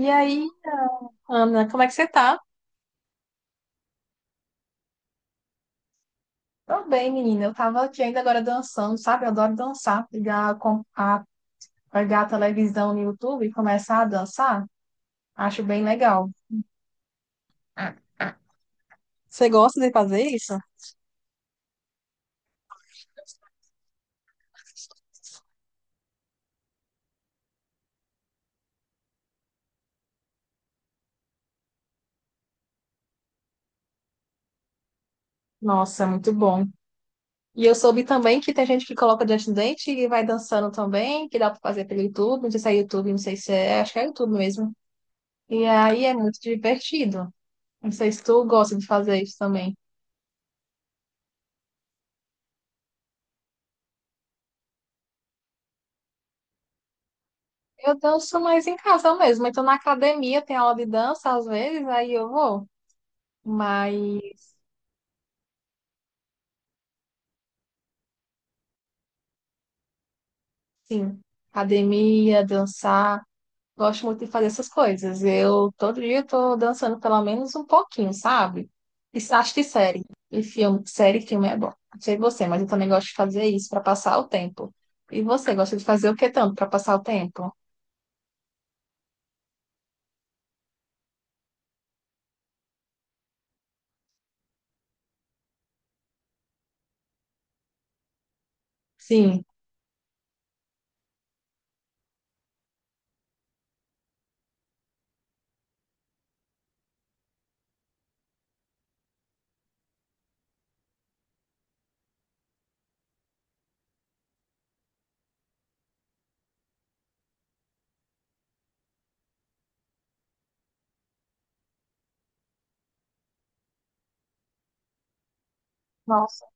E aí, Ana, como é que você tá? Tô bem, menina. Eu tava aqui ainda agora dançando, sabe? Eu adoro dançar. Pegar a televisão no YouTube e começar a dançar, acho bem legal. Você gosta de fazer isso? Nossa, é muito bom. E eu soube também que tem gente que coloca diante do dente e vai dançando também, que dá pra fazer pelo YouTube. Não sei se é YouTube, não sei se é. Acho que é YouTube mesmo. E aí é muito divertido. Não sei se tu gosta de fazer isso também. Eu danço mais em casa mesmo. Então, na academia tem aula de dança às vezes, aí eu vou. Mas, sim, academia, dançar, gosto muito de fazer essas coisas. Eu todo dia estou dançando pelo menos um pouquinho, sabe? E acho de série. E filme, série, filme é bom. Não sei você, mas eu também gosto de fazer isso para passar o tempo. E você gosta de fazer o que tanto para passar o tempo? Sim. Nossa.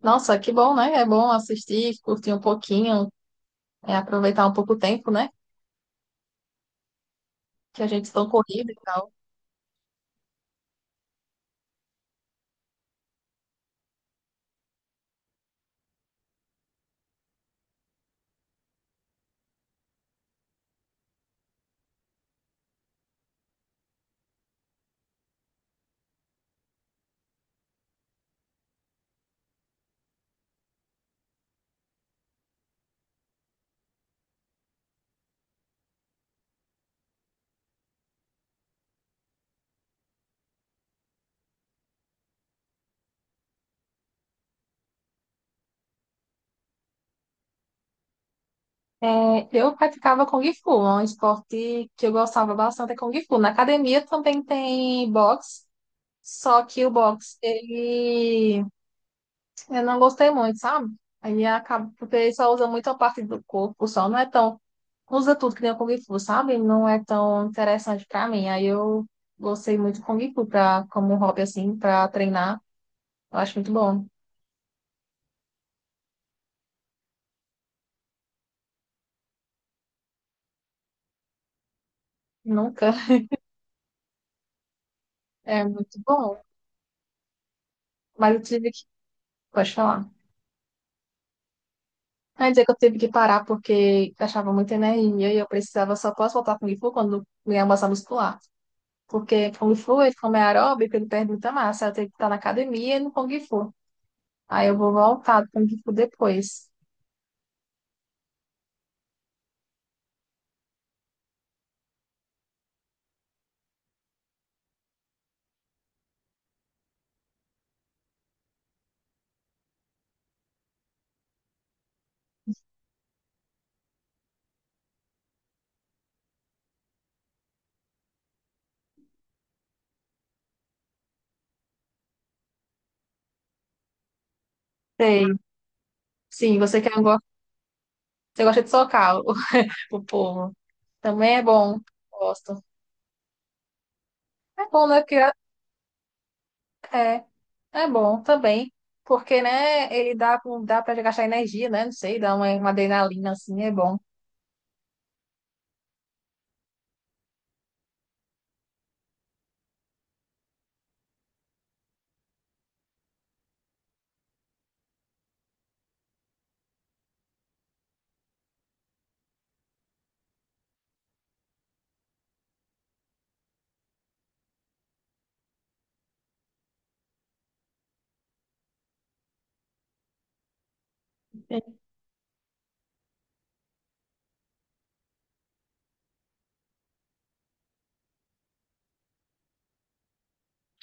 Nossa, que bom, né? É bom assistir, curtir um pouquinho, é aproveitar um pouco o tempo, né? Que a gente estancou corrida e tal. É, eu praticava Kung Fu, é um esporte que eu gostava bastante, é Kung Fu. Na academia também tem boxe, só que o boxe, ele... eu não gostei muito, sabe? Aí acaba, porque ele só usa muito a parte do corpo, só não é tão... Usa tudo que nem o Kung Fu, sabe? Não é tão interessante pra mim. Aí eu gostei muito do Kung Fu pra, como um hobby, assim, pra treinar. Eu acho muito bom. Nunca é muito bom. Mas eu tive que... Pode falar. Aí dizer que eu tive que parar porque achava muita energia e eu precisava, só posso voltar com o Kung Fu quando ganhar massa muscular. Porque Kung Fu, ele como é aeróbico, ele perde muita massa. Eu tenho que estar na academia e no Kung Fu. Aí eu vou voltar do Kung Fu depois. Sei. Sim, você quer, você gosta de socar o, o povo. Também é bom. Gosto. É bom, né? Porque é, é bom também. Porque, né, ele dá pra gastar energia, né? Não sei, dá uma adrenalina assim, é bom.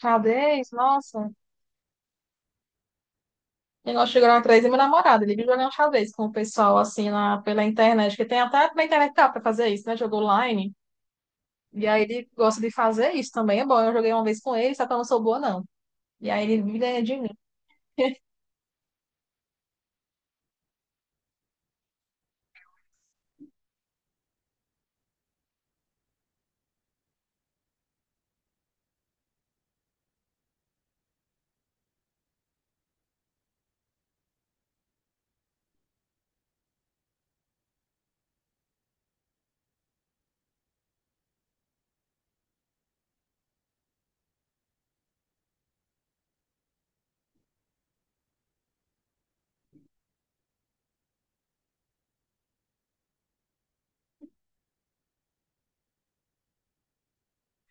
Xadrez, nossa. E nós chegamos atrás e meu namorado, ele viu jogar um xadrez com o pessoal assim pela internet, que tem até na internet dá pra fazer isso, né? Jogo online. E aí ele gosta de fazer isso também. É bom, eu joguei uma vez com ele, só que eu não sou boa, não. E aí ele me ganha de mim.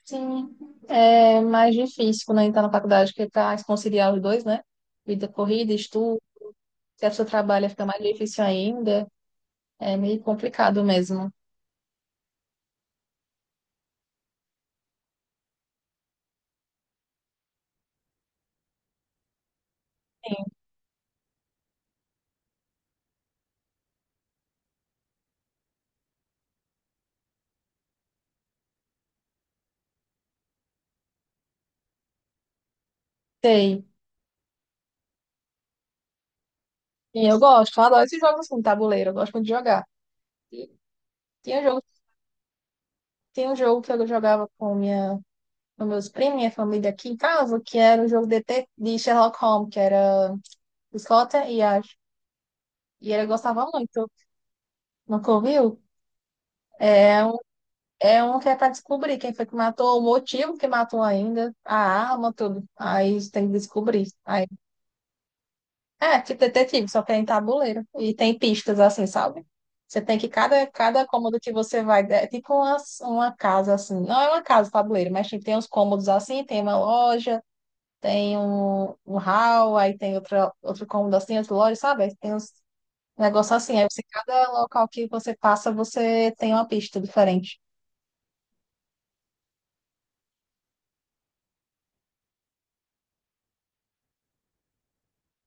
Sim, é mais difícil quando a gente tá na faculdade, que tá conciliar os dois, né? Vida corrida, estudo. Se a pessoa trabalha, fica mais difícil ainda. É meio complicado mesmo. Sei. E eu gosto, eu adoro esses jogos assim, tabuleiro, eu gosto muito de jogar. E tinha jogo, tinha um jogo que eu jogava com minha dos meus primos, minha família aqui em casa, que era o jogo de Sherlock Holmes, que era Scott e Ash. E ele gostava muito. Nunca ouviu? É um que é pra descobrir quem foi que matou, o motivo que matou ainda, a arma, tudo. Aí tem que descobrir. Aí, é, tipo detetive, só que é em tabuleiro. E tem pistas assim, sabe? Você tem que, cada cômodo que você vai, é tipo uma casa assim. Não é uma casa, tabuleiro, mas tipo, tem uns cômodos assim, tem uma loja. Tem um hall, aí tem outro cômodo assim, outro lodge, sabe? Aí tem uns negócios assim. Aí você, cada local que você passa, você tem uma pista diferente.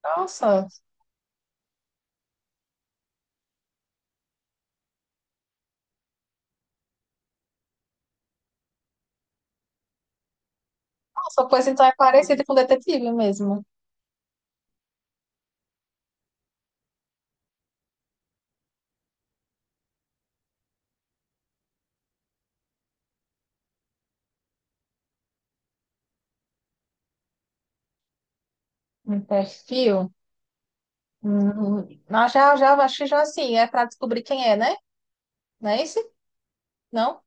Nossa, nossa, pois então é parecido com detetive mesmo. Um perfil. Ah, já, acho que já assim, é para descobrir quem é, né? Não é esse? Não?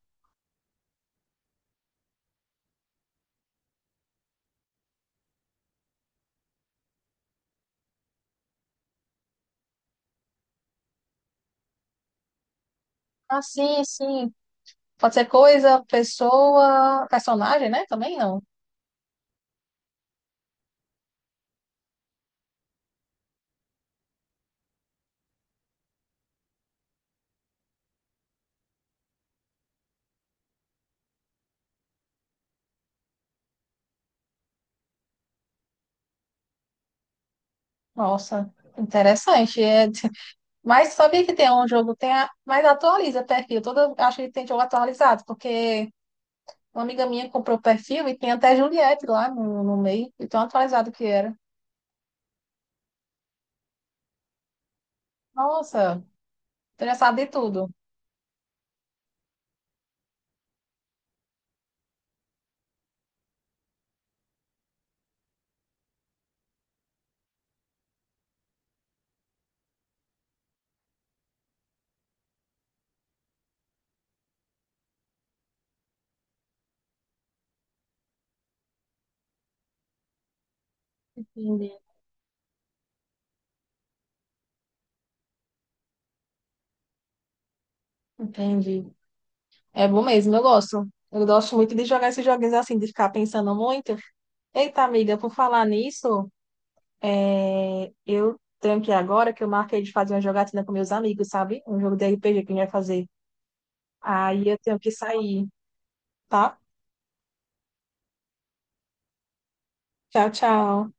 Ah, sim, sim. Pode ser coisa, pessoa, personagem, né? Também não. Nossa, interessante. É, mas sabia que tem um jogo, tem a, mas atualiza perfil. Toda, acho que tem jogo atualizado, porque uma amiga minha comprou perfil e tem até Juliette lá no meio, e tão atualizado que era. Nossa, então já sabe de tudo. Entendi. Entendi. É bom mesmo, eu gosto. Eu gosto muito de jogar esses joguinhos assim, de ficar pensando muito. Eita, amiga, por falar nisso, eu tenho que ir agora que eu marquei de fazer uma jogatina com meus amigos, sabe? Um jogo de RPG que a gente vai fazer. Aí eu tenho que sair, tá? Tchau, tchau.